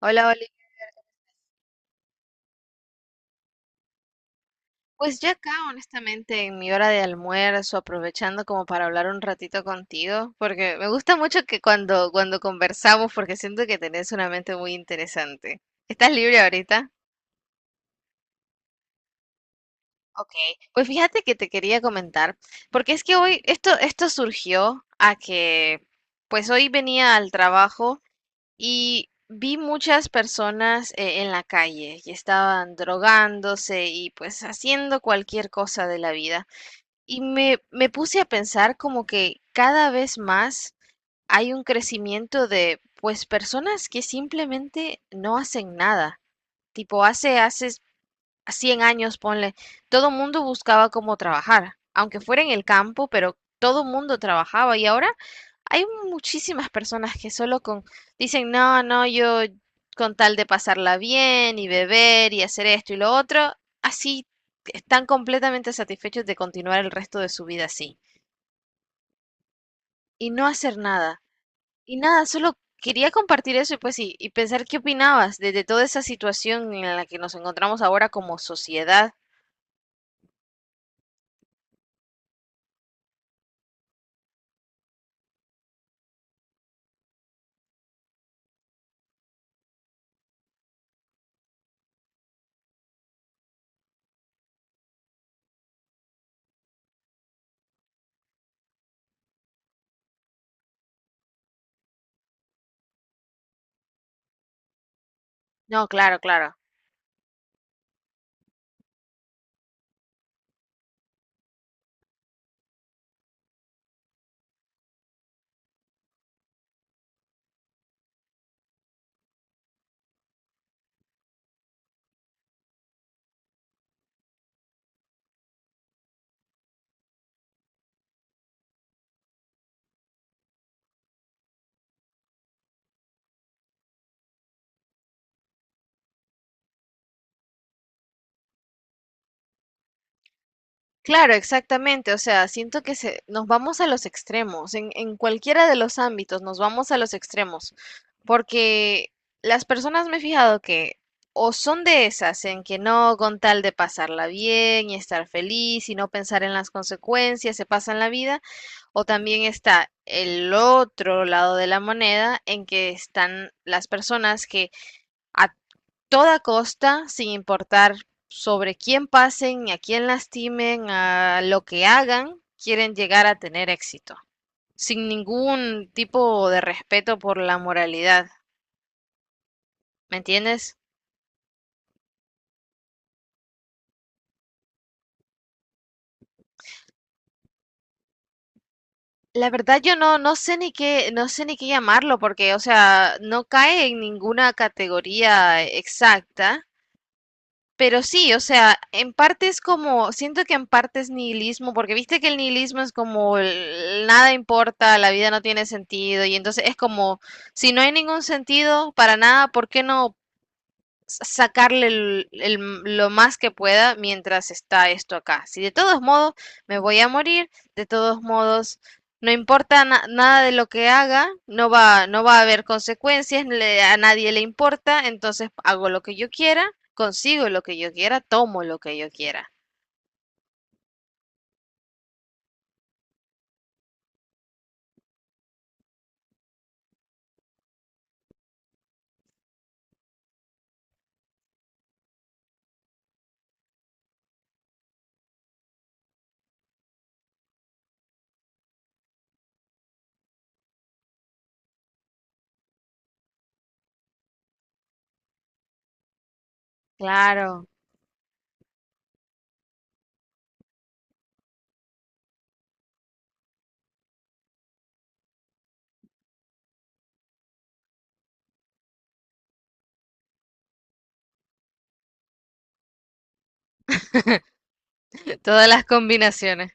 Hola, Oli. Pues ya acá, honestamente, en mi hora de almuerzo, aprovechando como para hablar un ratito contigo, porque me gusta mucho que cuando conversamos, porque siento que tenés una mente muy interesante. ¿Estás libre ahorita? Ok, pues fíjate que te quería comentar, porque es que hoy esto surgió a que, pues hoy venía al trabajo y vi muchas personas en la calle y estaban drogándose y pues haciendo cualquier cosa de la vida. Y me puse a pensar como que cada vez más hay un crecimiento de, pues, personas que simplemente no hacen nada. Tipo, hace 100 años, ponle, todo mundo buscaba cómo trabajar, aunque fuera en el campo, pero todo mundo trabajaba y ahora hay muchísimas personas que solo con dicen, no, no, yo con tal de pasarla bien y beber y hacer esto y lo otro, así están completamente satisfechos de continuar el resto de su vida así y no hacer nada. Y nada, solo quería compartir eso y pues sí, y pensar qué opinabas de toda esa situación en la que nos encontramos ahora como sociedad. No, claro, claro. Claro, exactamente. O sea, siento que nos vamos a los extremos. En cualquiera de los ámbitos nos vamos a los extremos. Porque las personas me he fijado que o son de esas en que no, con tal de pasarla bien y estar feliz y no pensar en las consecuencias, se pasan la vida, o también está el otro lado de la moneda en que están las personas que a toda costa, sin importar sobre quién pasen, ni a quién lastimen, a lo que hagan, quieren llegar a tener éxito, sin ningún tipo de respeto por la moralidad, ¿me entiendes? La verdad yo no sé ni qué, no sé ni qué llamarlo, porque, o sea, no cae en ninguna categoría exacta. Pero sí, o sea, en parte es como, siento que en parte es nihilismo, porque viste que el nihilismo es como nada importa, la vida no tiene sentido, y entonces es como, si no hay ningún sentido para nada, ¿por qué no? Sacarle lo más que pueda mientras está esto acá. Si de todos modos me voy a morir, de todos modos no importa nada de lo que haga, no va a haber consecuencias, a nadie le importa, entonces hago lo que yo quiera, consigo lo que yo quiera, tomo lo que yo quiera. Claro, de todas las combinaciones.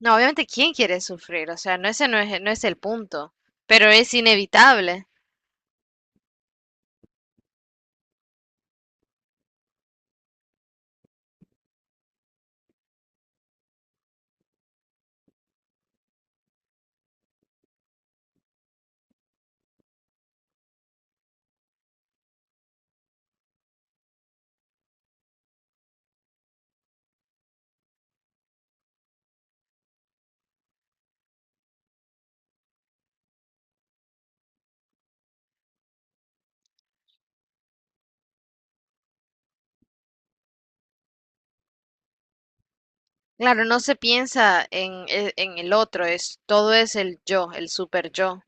No, obviamente, ¿quién quiere sufrir? O sea, no, ese no es el punto, pero es inevitable. Claro, no se piensa en, en el otro, es todo es el yo, el super yo,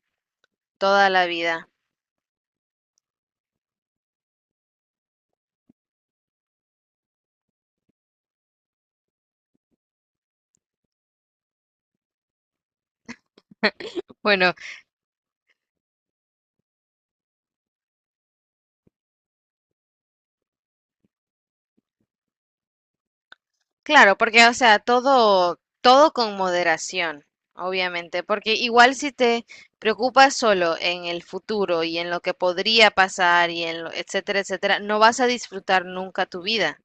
toda la vida. Bueno, claro, porque o sea, todo, todo con moderación, obviamente, porque igual si te preocupas solo en el futuro y en lo que podría pasar y en lo, etcétera, etcétera, no vas a disfrutar nunca tu vida,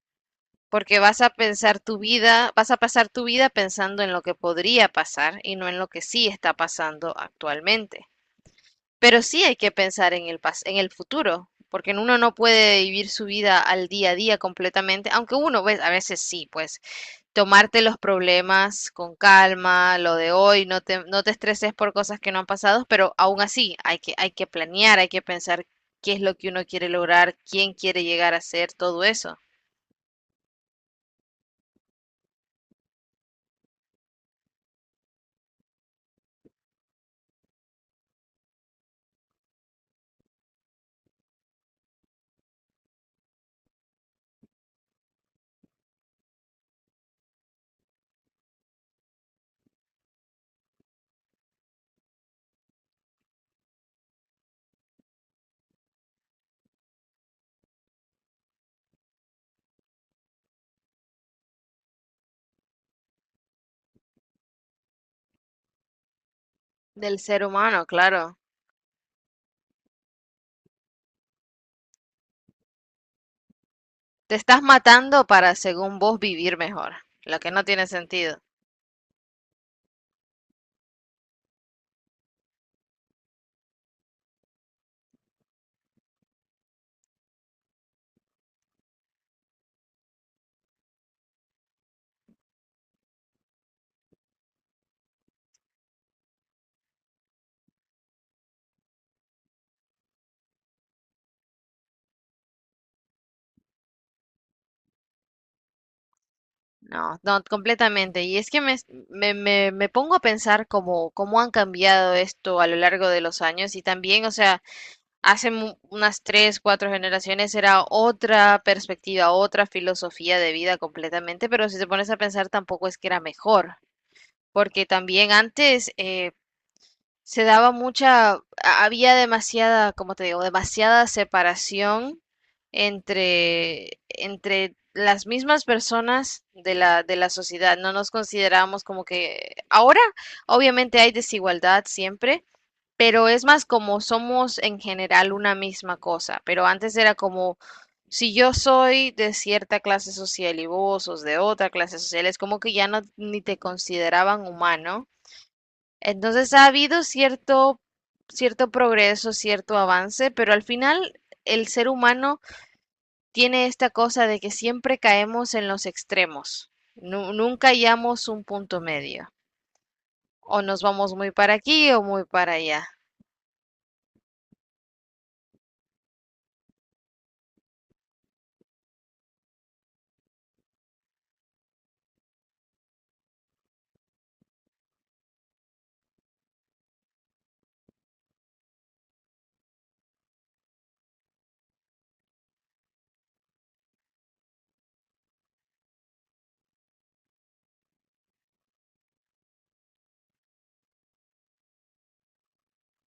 porque vas a pensar tu vida, vas a pasar tu vida pensando en lo que podría pasar y no en lo que sí está pasando actualmente. Pero sí hay que pensar en en el futuro, porque uno no puede vivir su vida al día a día completamente, aunque uno, pues, a veces sí, pues, tomarte los problemas con calma, lo de hoy, no te estreses por cosas que no han pasado, pero aún así hay que planear, hay que pensar qué es lo que uno quiere lograr, quién quiere llegar a ser, todo eso. Del ser humano, claro. Te estás matando para, según vos, vivir mejor, lo que no tiene sentido. No, no, completamente. Y es que me pongo a pensar cómo han cambiado esto a lo largo de los años y también, o sea, hace unas tres, cuatro generaciones era otra perspectiva, otra filosofía de vida completamente, pero si te pones a pensar tampoco es que era mejor, porque también antes, se daba mucha, había demasiada, como te digo, demasiada separación entre las mismas personas de la sociedad. No nos considerábamos como que ahora, obviamente hay desigualdad siempre, pero es más como somos en general una misma cosa. Pero antes era como, si yo soy de cierta clase social y vos sos de otra clase social, es como que ya no ni te consideraban humano, entonces ha habido cierto, cierto progreso, cierto avance, pero al final el ser humano tiene esta cosa de que siempre caemos en los extremos. Nunca hallamos un punto medio. O nos vamos muy para aquí o muy para allá,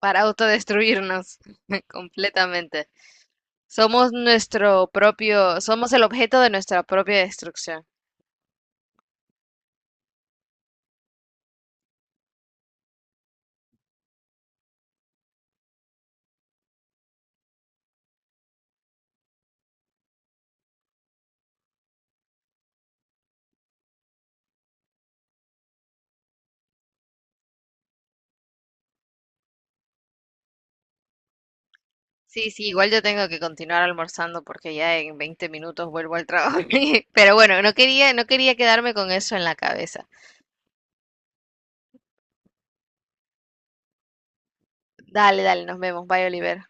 para autodestruirnos completamente. Somos nuestro propio, somos el objeto de nuestra propia destrucción. Sí, sí, igual yo tengo que continuar almorzando porque ya en 20 minutos vuelvo al trabajo. Pero bueno, no quería quedarme con eso en la cabeza. Dale, dale, nos vemos. Bye, Oliver.